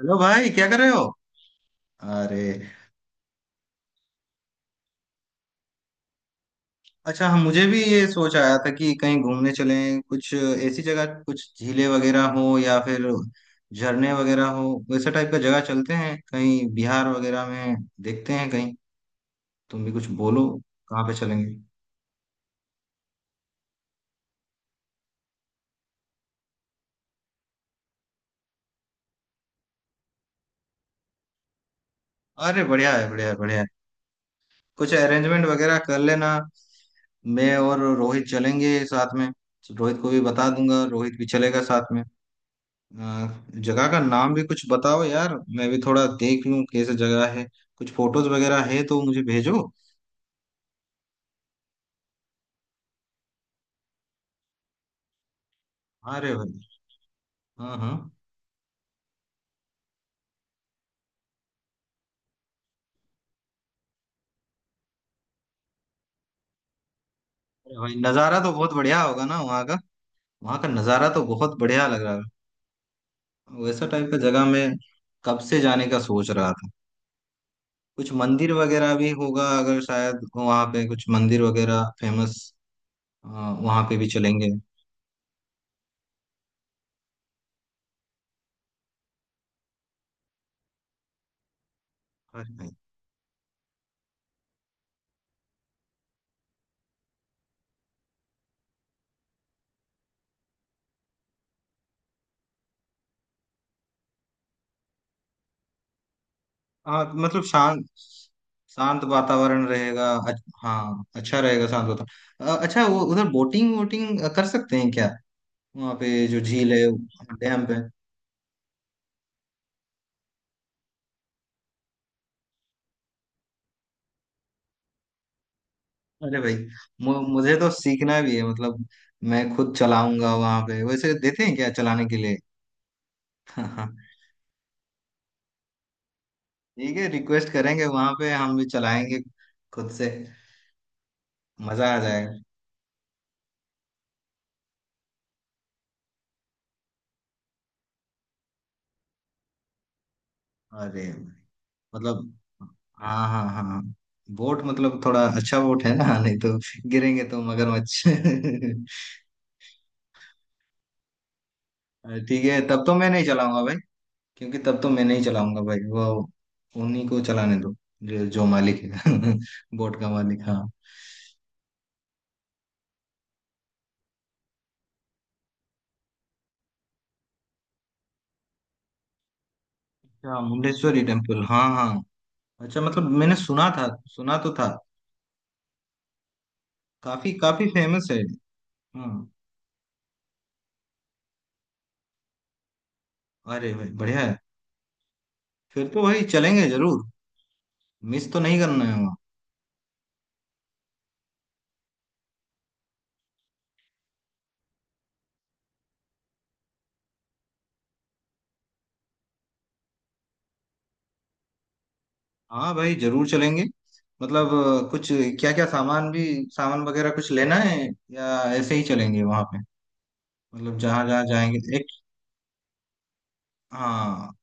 Hello भाई, क्या कर रहे हो? अरे, अच्छा हम मुझे भी ये सोच आया था कि कहीं घूमने चलें। कुछ ऐसी जगह, कुछ झीलें वगैरह हो या फिर झरने वगैरह हो, वैसे टाइप का जगह चलते हैं कहीं बिहार वगैरह में। देखते हैं कहीं। तुम भी कुछ बोलो, कहाँ पे चलेंगे? अरे बढ़िया है, बढ़िया है, बढ़िया है। कुछ अरेंजमेंट वगैरह कर लेना। मैं और रोहित चलेंगे साथ में। रोहित को भी बता दूंगा, रोहित भी चलेगा साथ में। आ, जगह का नाम भी कुछ बताओ यार, मैं भी थोड़ा देख लूं कैसे जगह है। कुछ फोटोज वगैरह है तो मुझे भेजो। अरे भाई, हाँ हाँ। अरे भाई, नज़ारा तो बहुत बढ़िया होगा ना वहाँ का। वहाँ का नज़ारा तो बहुत बढ़िया लग रहा है। वैसा टाइप का जगह मैं कब से जाने का सोच रहा था। कुछ मंदिर वगैरह भी होगा अगर, शायद वहाँ पे कुछ मंदिर वगैरह फेमस, वहाँ पे भी चलेंगे। हाँ मतलब शांत, शांत वातावरण रहेगा हाँ, अच्छा रहेगा शांत वातावरण। अच्छा, वो उधर बोटिंग वोटिंग कर सकते हैं क्या? वहाँ पे जो झील है, डैम पे। अरे भाई, मुझे तो सीखना भी है मतलब। मैं खुद चलाऊंगा वहाँ पे, वैसे देते हैं क्या चलाने के लिए? ठीक है, रिक्वेस्ट करेंगे वहाँ पे, हम भी चलाएंगे खुद से। मजा आ जाएगा। अरे भाई, मतलब, हाँ हाँ हाँ। बोट मतलब थोड़ा अच्छा बोट है ना, नहीं तो गिरेंगे तो मगरमच्छ। अरे ठीक है, तब तो मैं नहीं चलाऊंगा भाई। क्योंकि तब तो मैं नहीं चलाऊंगा भाई वो। उन्हीं को चलाने दो जो मालिक है। बोट का मालिक, हाँ। अच्छा, मुंडेश्वरी टेम्पल, हाँ हाँ। अच्छा मतलब मैंने सुना था, सुना तो था। काफी काफी फेमस है, हाँ। अरे भाई बढ़िया है, फिर तो भाई चलेंगे जरूर। मिस तो नहीं करना है वहाँ। हाँ भाई, जरूर चलेंगे। मतलब कुछ क्या क्या सामान भी, सामान वगैरह कुछ लेना है या ऐसे ही चलेंगे वहां पे? मतलब जहां जहां जाएंगे एक। हाँ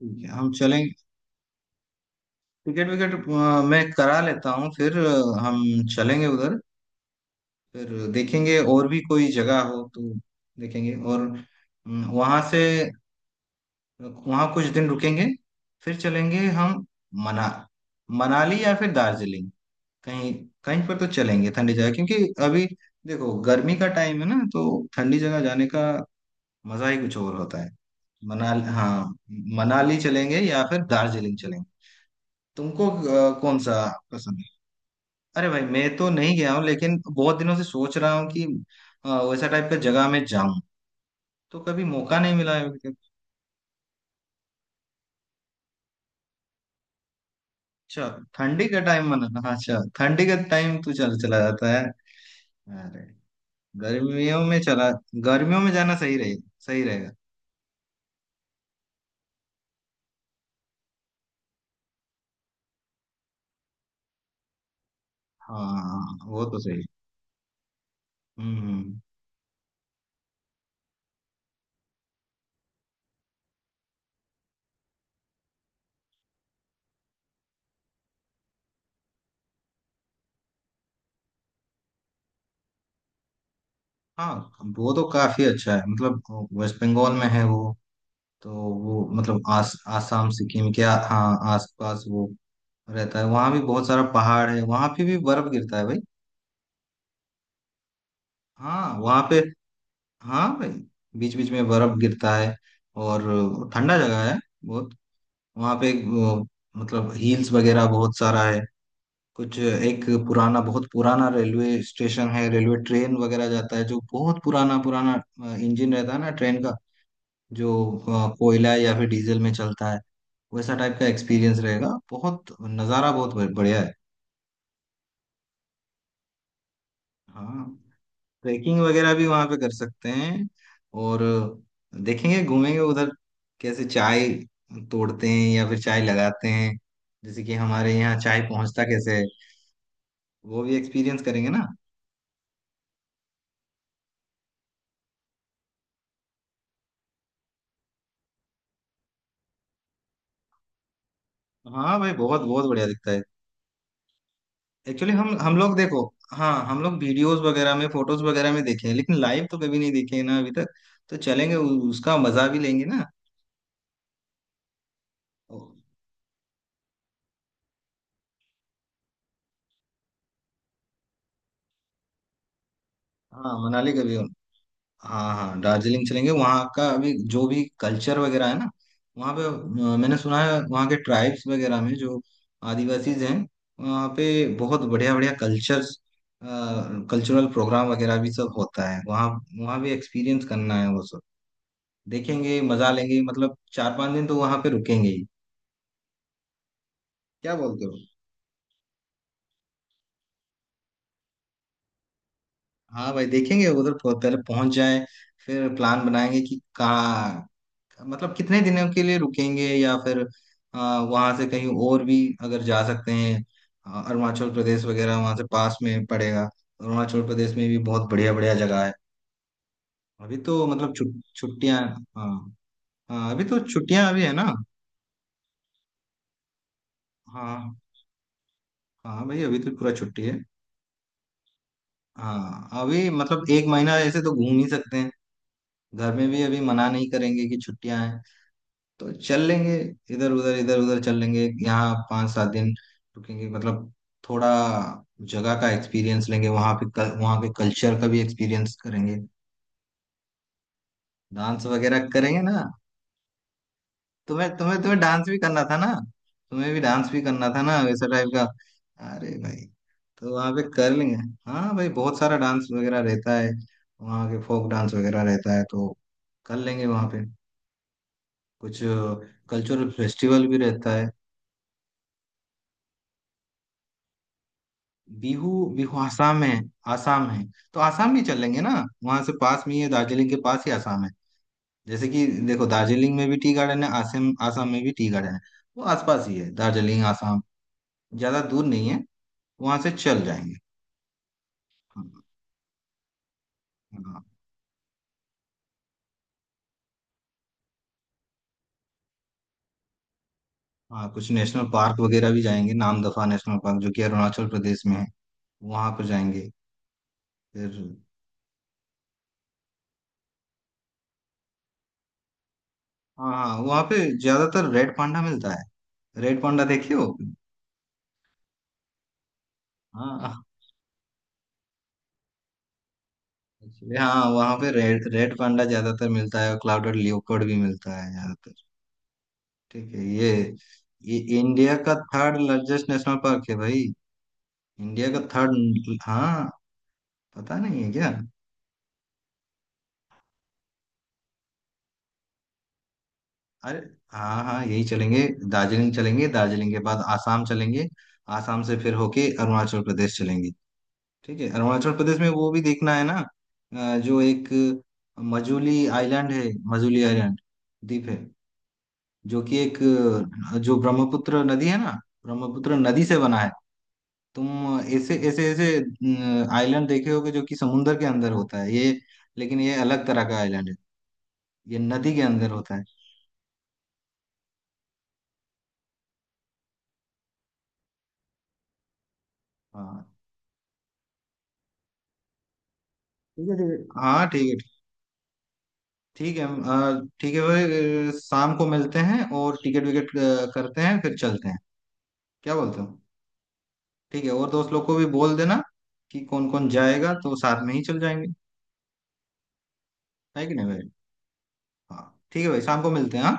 ठीक है, हम चलेंगे। टिकट विकेट मैं करा लेता हूँ, फिर हम चलेंगे उधर। फिर देखेंगे और भी कोई जगह हो तो देखेंगे, और वहां से, वहां कुछ दिन रुकेंगे फिर चलेंगे हम। मना मनाली या फिर दार्जिलिंग, कहीं, कहीं पर तो चलेंगे ठंडी जगह, क्योंकि अभी देखो गर्मी का टाइम है ना, तो ठंडी जगह जाने का मजा ही कुछ और होता है। मनाली, हाँ। मनाली चलेंगे या फिर दार्जिलिंग चलेंगे? तुमको कौन सा पसंद है? अरे भाई, मैं तो नहीं गया हूँ, लेकिन बहुत दिनों से सोच रहा हूँ कि वैसा टाइप का जगह में जाऊं, तो कभी मौका नहीं मिला है। अच्छा, ठंडी का टाइम मना हाँ, अच्छा, ठंडी का टाइम तो चल चला जाता है। अरे, गर्मियों में चला, गर्मियों में जाना सही रहेगा। हाँ वो तो सही। हम्म। हाँ, वो तो काफी अच्छा है, मतलब वेस्ट बंगाल में है वो। तो वो मतलब आस आसाम सिक्किम के हाँ, आसपास वो रहता है, वहाँ भी बहुत सारा पहाड़ है, वहाँ पे भी बर्फ गिरता है भाई। हाँ वहाँ पे, हाँ भाई, बीच बीच में बर्फ गिरता है। और ठंडा जगह है बहुत। वहाँ पे मतलब हिल्स वगैरह बहुत सारा है। कुछ एक पुराना, बहुत पुराना रेलवे स्टेशन है, रेलवे ट्रेन वगैरह जाता है जो बहुत पुराना पुराना इंजन रहता है ना ट्रेन का, जो कोयला या फिर डीजल में चलता है। वैसा टाइप का एक्सपीरियंस रहेगा, बहुत नज़ारा बहुत बढ़िया है। हाँ, ट्रैकिंग वगैरह भी वहाँ पे कर सकते हैं। और देखेंगे घूमेंगे उधर, कैसे चाय तोड़ते हैं या फिर चाय लगाते हैं, जैसे कि हमारे यहाँ चाय पहुँचता कैसे है, वो भी एक्सपीरियंस करेंगे ना। हाँ भाई, बहुत बहुत बढ़िया दिखता है। एक्चुअली हम लोग देखो, हाँ हम लोग वीडियोस वगैरह में, फोटोज वगैरह में देखे हैं, लेकिन लाइव तो कभी नहीं देखे हैं ना अभी तक। तो चलेंगे, उसका मजा भी लेंगे ना। हाँ मनाली कभी हाँ हाँ, दार्जिलिंग चलेंगे। वहाँ का अभी जो भी कल्चर वगैरह है ना वहाँ पे, मैंने सुना है वहाँ के ट्राइब्स वगैरह में जो आदिवासीज हैं, वहाँ पे बहुत बढ़िया बढ़िया कल्चर्स, कल्चरल प्रोग्राम वगैरह भी सब होता है वहाँ। वहाँ भी एक्सपीरियंस करना है वो सब। देखेंगे, मजा लेंगे, मतलब चार पांच दिन तो वहां पे रुकेंगे ही। क्या बोलते हो? हाँ भाई, देखेंगे उधर पहले पहुंच जाए, फिर प्लान बनाएंगे कि कहाँ, मतलब कितने दिनों के लिए रुकेंगे या फिर वहां से कहीं और भी अगर जा सकते हैं। अरुणाचल प्रदेश वगैरह वहां से पास में पड़ेगा। अरुणाचल प्रदेश में भी बहुत बढ़िया बढ़िया जगह है। अभी तो मतलब छुट्टियां, हाँ। हाँ, अभी तो छुट्टियां अभी है ना। हाँ, हाँ भाई, अभी तो पूरा छुट्टी है। हाँ अभी मतलब एक महीना ऐसे तो घूम ही सकते हैं। घर में भी अभी मना नहीं करेंगे कि छुट्टियां हैं तो चल लेंगे। इधर उधर चल लेंगे, यहाँ पाँच सात दिन रुकेंगे, मतलब थोड़ा जगह का एक्सपीरियंस लेंगे, वहाँ पे वहाँ के कल्चर का भी एक्सपीरियंस करेंगे। डांस वगैरह करेंगे ना, तुम्हें तुम्हें तुम्हें डांस भी करना था ना। तुम्हें भी डांस भी करना था ना वैसा टाइप का। अरे भाई, तो वहाँ पे कर लेंगे। हाँ भाई, बहुत सारा डांस वगैरह रहता है, वहाँ के फोक डांस वगैरह रहता है, तो कर लेंगे वहाँ पे कुछ। कल्चरल फेस्टिवल भी रहता है। बिहू। बिहू आसाम है, आसाम है, तो आसाम भी चल लेंगे ना। वहां से पास में ही है, दार्जिलिंग के पास ही आसाम है। जैसे कि देखो दार्जिलिंग में भी टी गार्डन है, आसाम आसाम में भी टी गार्डन है। वो आसपास ही है दार्जिलिंग आसाम, ज्यादा दूर नहीं है, वहां से चल जाएंगे। हाँ हाँ, कुछ नेशनल पार्क वगैरह भी जाएंगे। नामदफा नेशनल पार्क जो कि अरुणाचल प्रदेश में है, वहां पर जाएंगे फिर। हाँ हाँ, वहाँ पे ज्यादातर रेड पांडा मिलता है। रेड पांडा देखे हो? हाँ। Actually, हाँ वहाँ पे रेड रेड पांडा ज्यादातर मिलता है, और क्लाउडेड लियोपर्ड भी मिलता है ज्यादातर। ठीक है ये, ये इंडिया का थर्ड लार्जेस्ट नेशनल पार्क है भाई। इंडिया का थर्ड, हाँ, पता नहीं है क्या? अरे हाँ हाँ, यही चलेंगे। दार्जिलिंग चलेंगे, दार्जिलिंग के बाद आसाम चलेंगे, आसाम से फिर होके अरुणाचल प्रदेश चलेंगे। ठीक है, अरुणाचल प्रदेश में वो भी देखना है ना, जो एक मजूली आइलैंड है, मजूली आइलैंड, द्वीप है, जो कि एक, जो ब्रह्मपुत्र नदी है ना, ब्रह्मपुत्र नदी से बना है। तुम ऐसे ऐसे ऐसे आइलैंड देखे होगे जो कि समुंदर के अंदर होता है ये, लेकिन ये अलग तरह का आइलैंड है, ये नदी के अंदर होता है। हाँ ठीक है, ठीक है, हाँ ठीक है। ठीक है ठीक है भाई। शाम को मिलते हैं और टिकट विकेट करते हैं फिर चलते हैं, क्या बोलते हो? ठीक है, और दोस्त लोग को भी बोल देना कि कौन कौन जाएगा, तो साथ में ही चल जाएंगे, है कि नहीं भाई? हाँ ठीक है भाई, शाम को मिलते हैं, हाँ।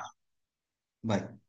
बाय।